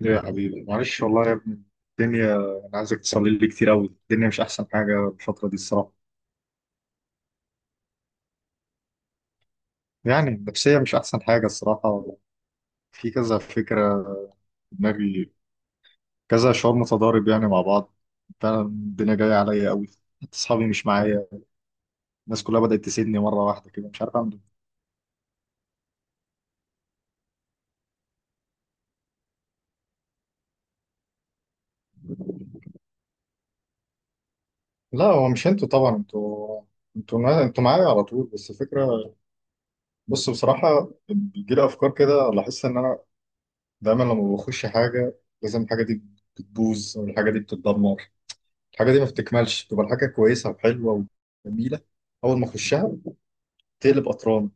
ليه يا حبيبي، معلش والله يا ابني. الدنيا، انا عايزك تصلي لي كتير قوي. الدنيا مش احسن حاجه الفتره دي الصراحه. يعني النفسيه مش احسن حاجه الصراحه. في كذا فكره في دماغي، كذا شعور متضارب يعني مع بعض. فعلا الدنيا جايه عليا قوي، حتى اصحابي مش معايا. الناس كلها بدات تسيبني مره واحده كده، مش عارف اعمل إيه. لا، هو مش انتوا طبعا، انتوا انتوا معايا على طول، بس الفكره. بص، بصراحه بيجي لي افكار كده. لاحظت ان انا دايما لما بخش حاجه، لازم الحاجه دي بتبوظ، والحاجه دي بتتدمر، الحاجة دي ما بتكملش. تبقى الحاجة كويسة وحلوة وجميلة، أول ما أخشها تقلب قطران،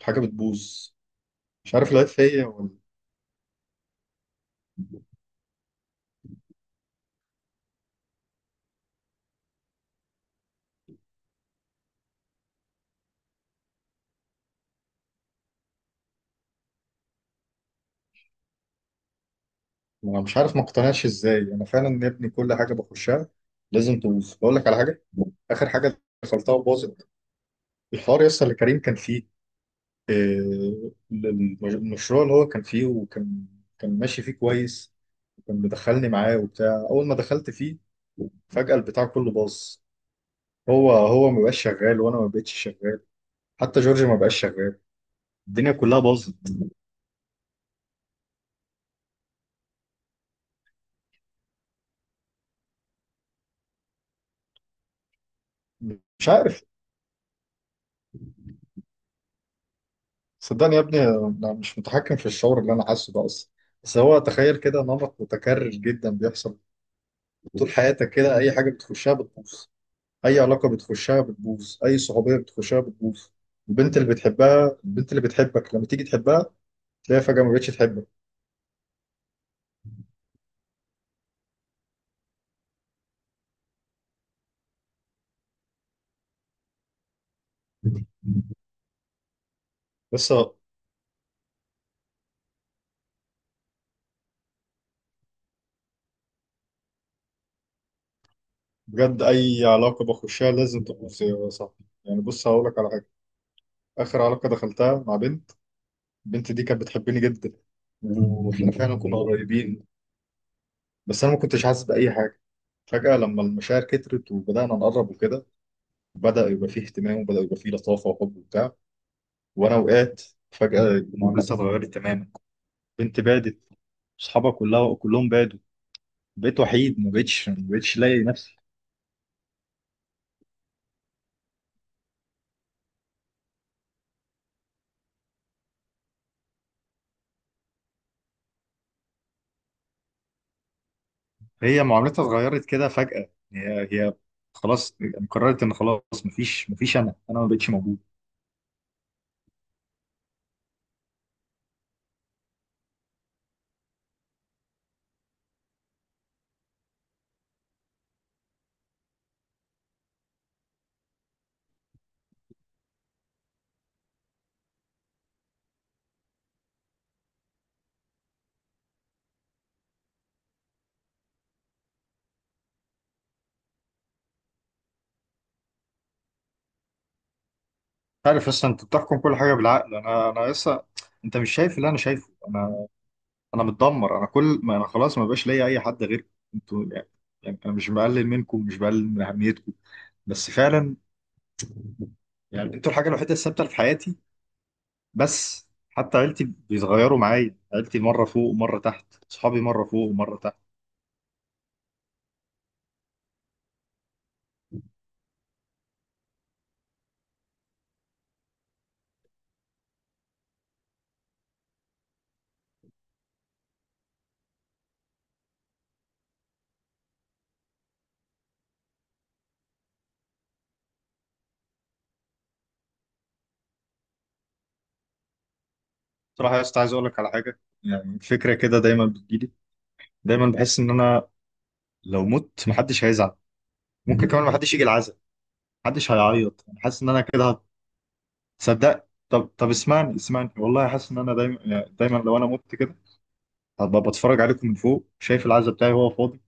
الحاجة بتبوظ. مش عارف العيب فيا ولا. أنا مش عارف ما اقتنعش إزاي. أنا فعلا يا ابني كل حاجة بخشها لازم تبوظ. بقول لك على حاجة، آخر حاجة دخلتها وباظت، الحوار يسطا اللي كريم كان فيه. المشروع اللي هو كان فيه، وكان كان ماشي فيه كويس. وكان مدخلني معاه وبتاع، أول ما دخلت فيه فجأة البتاع كله باظ. هو هو ما بقاش شغال، وأنا ما بقتش شغال، حتى جورج ما بقاش شغال، الدنيا كلها باظت. مش عارف، صدقني يا ابني انا مش متحكم في الشعور اللي انا حاسه ده اصلا. بس هو تخيل كده، نمط متكرر جدا بيحصل. طول حياتك كده اي حاجه بتخشها بتبوظ، اي علاقه بتخشها بتبوظ، اي صحوبيه بتخشها بتبوظ. البنت اللي بتحبها، البنت اللي بتحبك لما تيجي تحبها، تلاقيها فجاه ما بقتش تحبك. بس بجد اي علاقه بخشها لازم تبوظ يا صاحبي. يعني بص هقول لك على حاجه، اخر علاقه دخلتها مع بنت. البنت دي كانت بتحبني جدا، واحنا فعلا كنا قريبين، بس انا ما كنتش حاسس باي حاجه. فجاه لما المشاعر كترت وبدانا نقرب وكده، بدا يبقى فيه اهتمام، وبدا يبقى فيه لطافه وحب وبتاع، وانا وقعت. فجاه المعامله اتغيرت تماما، بنت بعدت، اصحابها كلها كلهم بعدوا، بقيت وحيد. ما بقتش لاقي نفسي. هي معاملتها اتغيرت كده فجاه. هي خلاص، قررت ان خلاص مفيش. انا ما بقتش موجود. عارف لسه انت بتحكم كل حاجه بالعقل، انا لسه. انت مش شايف اللي انا شايفه. انا انا متدمر، انا كل ما انا خلاص ما بقاش ليا اي حد غيركم، انتوا يعني، يعني انا مش بقلل منكم، مش بقلل من اهميتكم. بس فعلا يعني انتوا الحاجه الوحيده الثابته اللي في حياتي. بس حتى عيلتي بيتغيروا معايا، عيلتي مره فوق ومره تحت، اصحابي مره فوق ومره تحت. بصراحه يا اسطى عايز اقول لك على حاجه، يعني فكره كده دايما بتجيلي. دايما بحس ان انا لو مت محدش هيزعل. ممكن كمان محدش يجي العزاء، محدش هيعيط. انا حاسس ان انا كده. صدق، طب اسمعني، والله حاسس ان انا دايما، يعني دايما لو انا مت كده هبقى بتفرج عليكم من فوق، شايف العزا بتاعي وهو فاضي.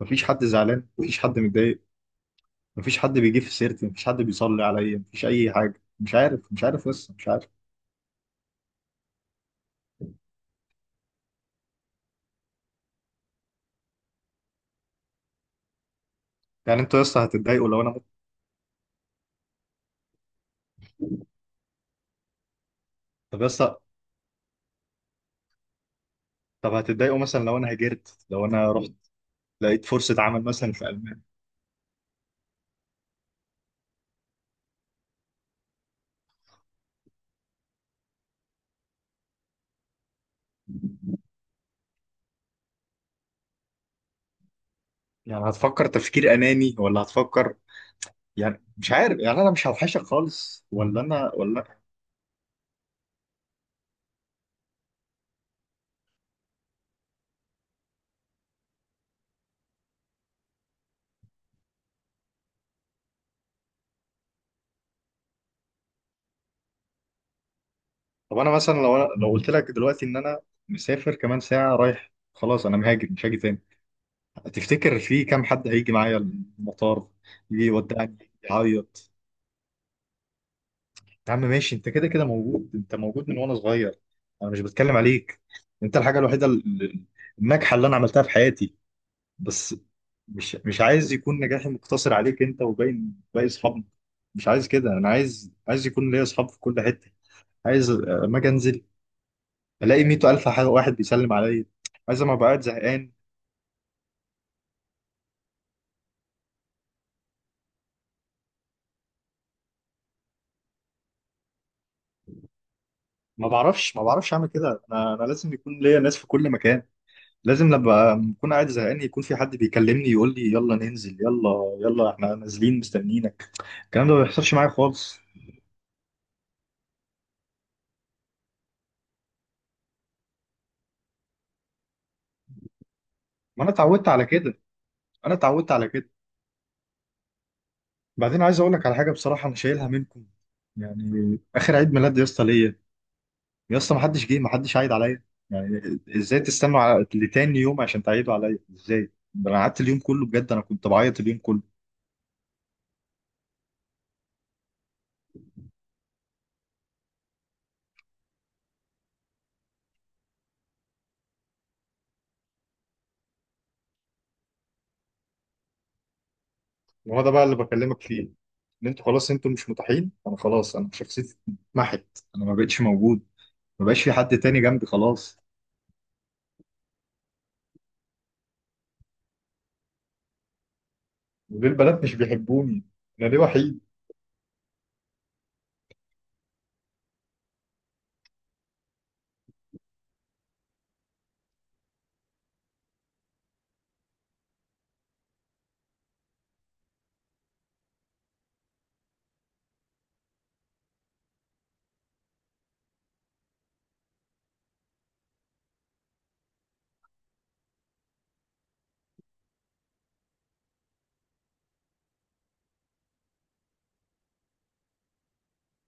مفيش حد زعلان، مفيش حد متضايق، مفيش حد بيجي في سيرتي، مفيش حد بيصلي عليا، مفيش اي حاجه. مش عارف، مش عارف، لسه مش عارف. يعني انتوا لسه هتتضايقوا لو انا مت؟ طب لسه، طب هتتضايقوا مثلا لو انا هاجرت، لو انا رحت لقيت فرصه عمل مثلا في المانيا؟ يعني هتفكر تفكير اناني ولا هتفكر، يعني مش عارف، يعني انا مش هوحشك خالص ولا انا ولا... طب انا مثلا، لو أنا لو قلت لك دلوقتي ان انا مسافر كمان ساعه، رايح خلاص، انا مهاجر مش هاجي تاني، تفتكر في كام حد هيجي معايا المطار يجي يودعني يعيط؟ يا عم ماشي، انت كده كده موجود، انت موجود من وانا صغير، انا مش بتكلم عليك. انت الحاجه الوحيده الناجحه اللي انا عملتها في حياتي. بس مش مش عايز يكون نجاحي مقتصر عليك انت وباين باقي اصحابنا. مش عايز كده، انا عايز، عايز يكون ليا اصحاب في كل حته. عايز اما اجي انزل الاقي 100,000 واحد بيسلم عليا. عايز ما بقعد زهقان. ما بعرفش اعمل كده. انا انا لازم يكون ليا ناس في كل مكان. لازم لما اكون قاعد زهقان يكون في حد بيكلمني يقول لي يلا ننزل، يلا يلا احنا نازلين مستنيينك. الكلام ده ما بيحصلش معايا خالص. ما انا اتعودت على كده، انا اتعودت على كده. بعدين عايز اقول لك على حاجه بصراحه، انا شايلها منكم. يعني اخر عيد ميلاد يا اسطى ليا، يا اسطى ما حدش جه، ما حدش عايد عليا. يعني ازاي تستنوا على لتاني يوم عشان تعيدوا عليا؟ ازاي؟ ده انا قعدت اليوم كله، بجد انا كنت بعيط اليوم كله. ما هو ده بقى اللي بكلمك فيه، ان انتوا خلاص انتوا مش متاحين. انا خلاص، انا شخصيتي اتمحت، انا ما بقتش موجود، ما بقاش في حد تاني جنبي خلاص. وليه البنات مش بيحبوني؟ انا ليه وحيد؟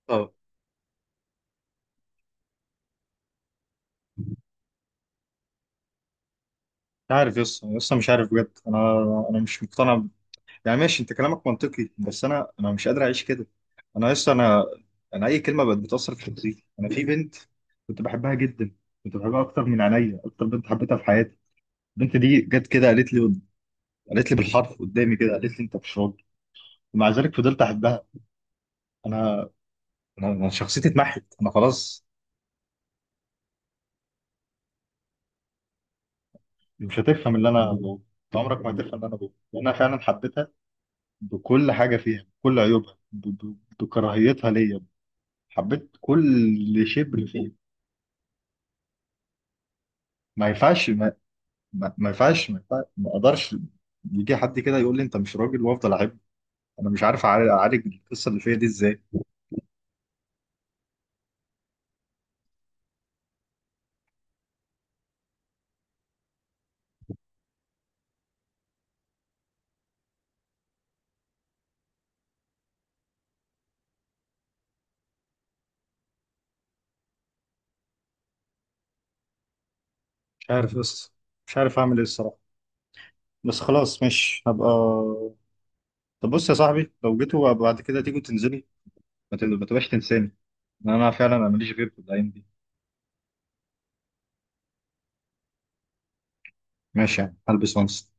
اه، مش عارف يا اسطى، يا اسطى مش عارف بجد. انا انا مش مقتنع. يعني ماشي انت كلامك منطقي، بس انا انا مش قادر اعيش كده. انا لسه انا، انا اي كلمه بقت بتاثر في شخصيتي. انا في بنت كنت بحبها جدا، كنت بحبها اكتر من عينيا، اكتر بنت حبيتها في حياتي. البنت دي جت كده قالت لي، قالت لي بالحرف قدامي كده، قالت لي انت مش راجل. ومع ذلك فضلت احبها. انا انا أنا شخصيتي اتمحت، انا خلاص. مش هتفهم اللي انا بقوله، انت عمرك ما هتفهم اللي انا بقوله، لان انا فعلا حبيتها بكل حاجه فيها، بكل عيوبها، بكراهيتها ليا، حبيت كل شبر فيها. ما ينفعش، ما ينفعش، ما ينفعش، ما اقدرش يجي حد كده يقول لي انت مش راجل وافضل اعب. انا مش عارف أعالج القصه اللي فيا دي ازاي. مش عارف، بس مش عارف اعمل ايه الصراحه. بس خلاص مش هبقى. طب بص يا صاحبي، لو جيتوا بعد كده تيجوا تنزلي، ما تبقاش تنساني. إن انا فعلا انا ماليش غير في الايام دي. ماشي يعني، هلبس وانس.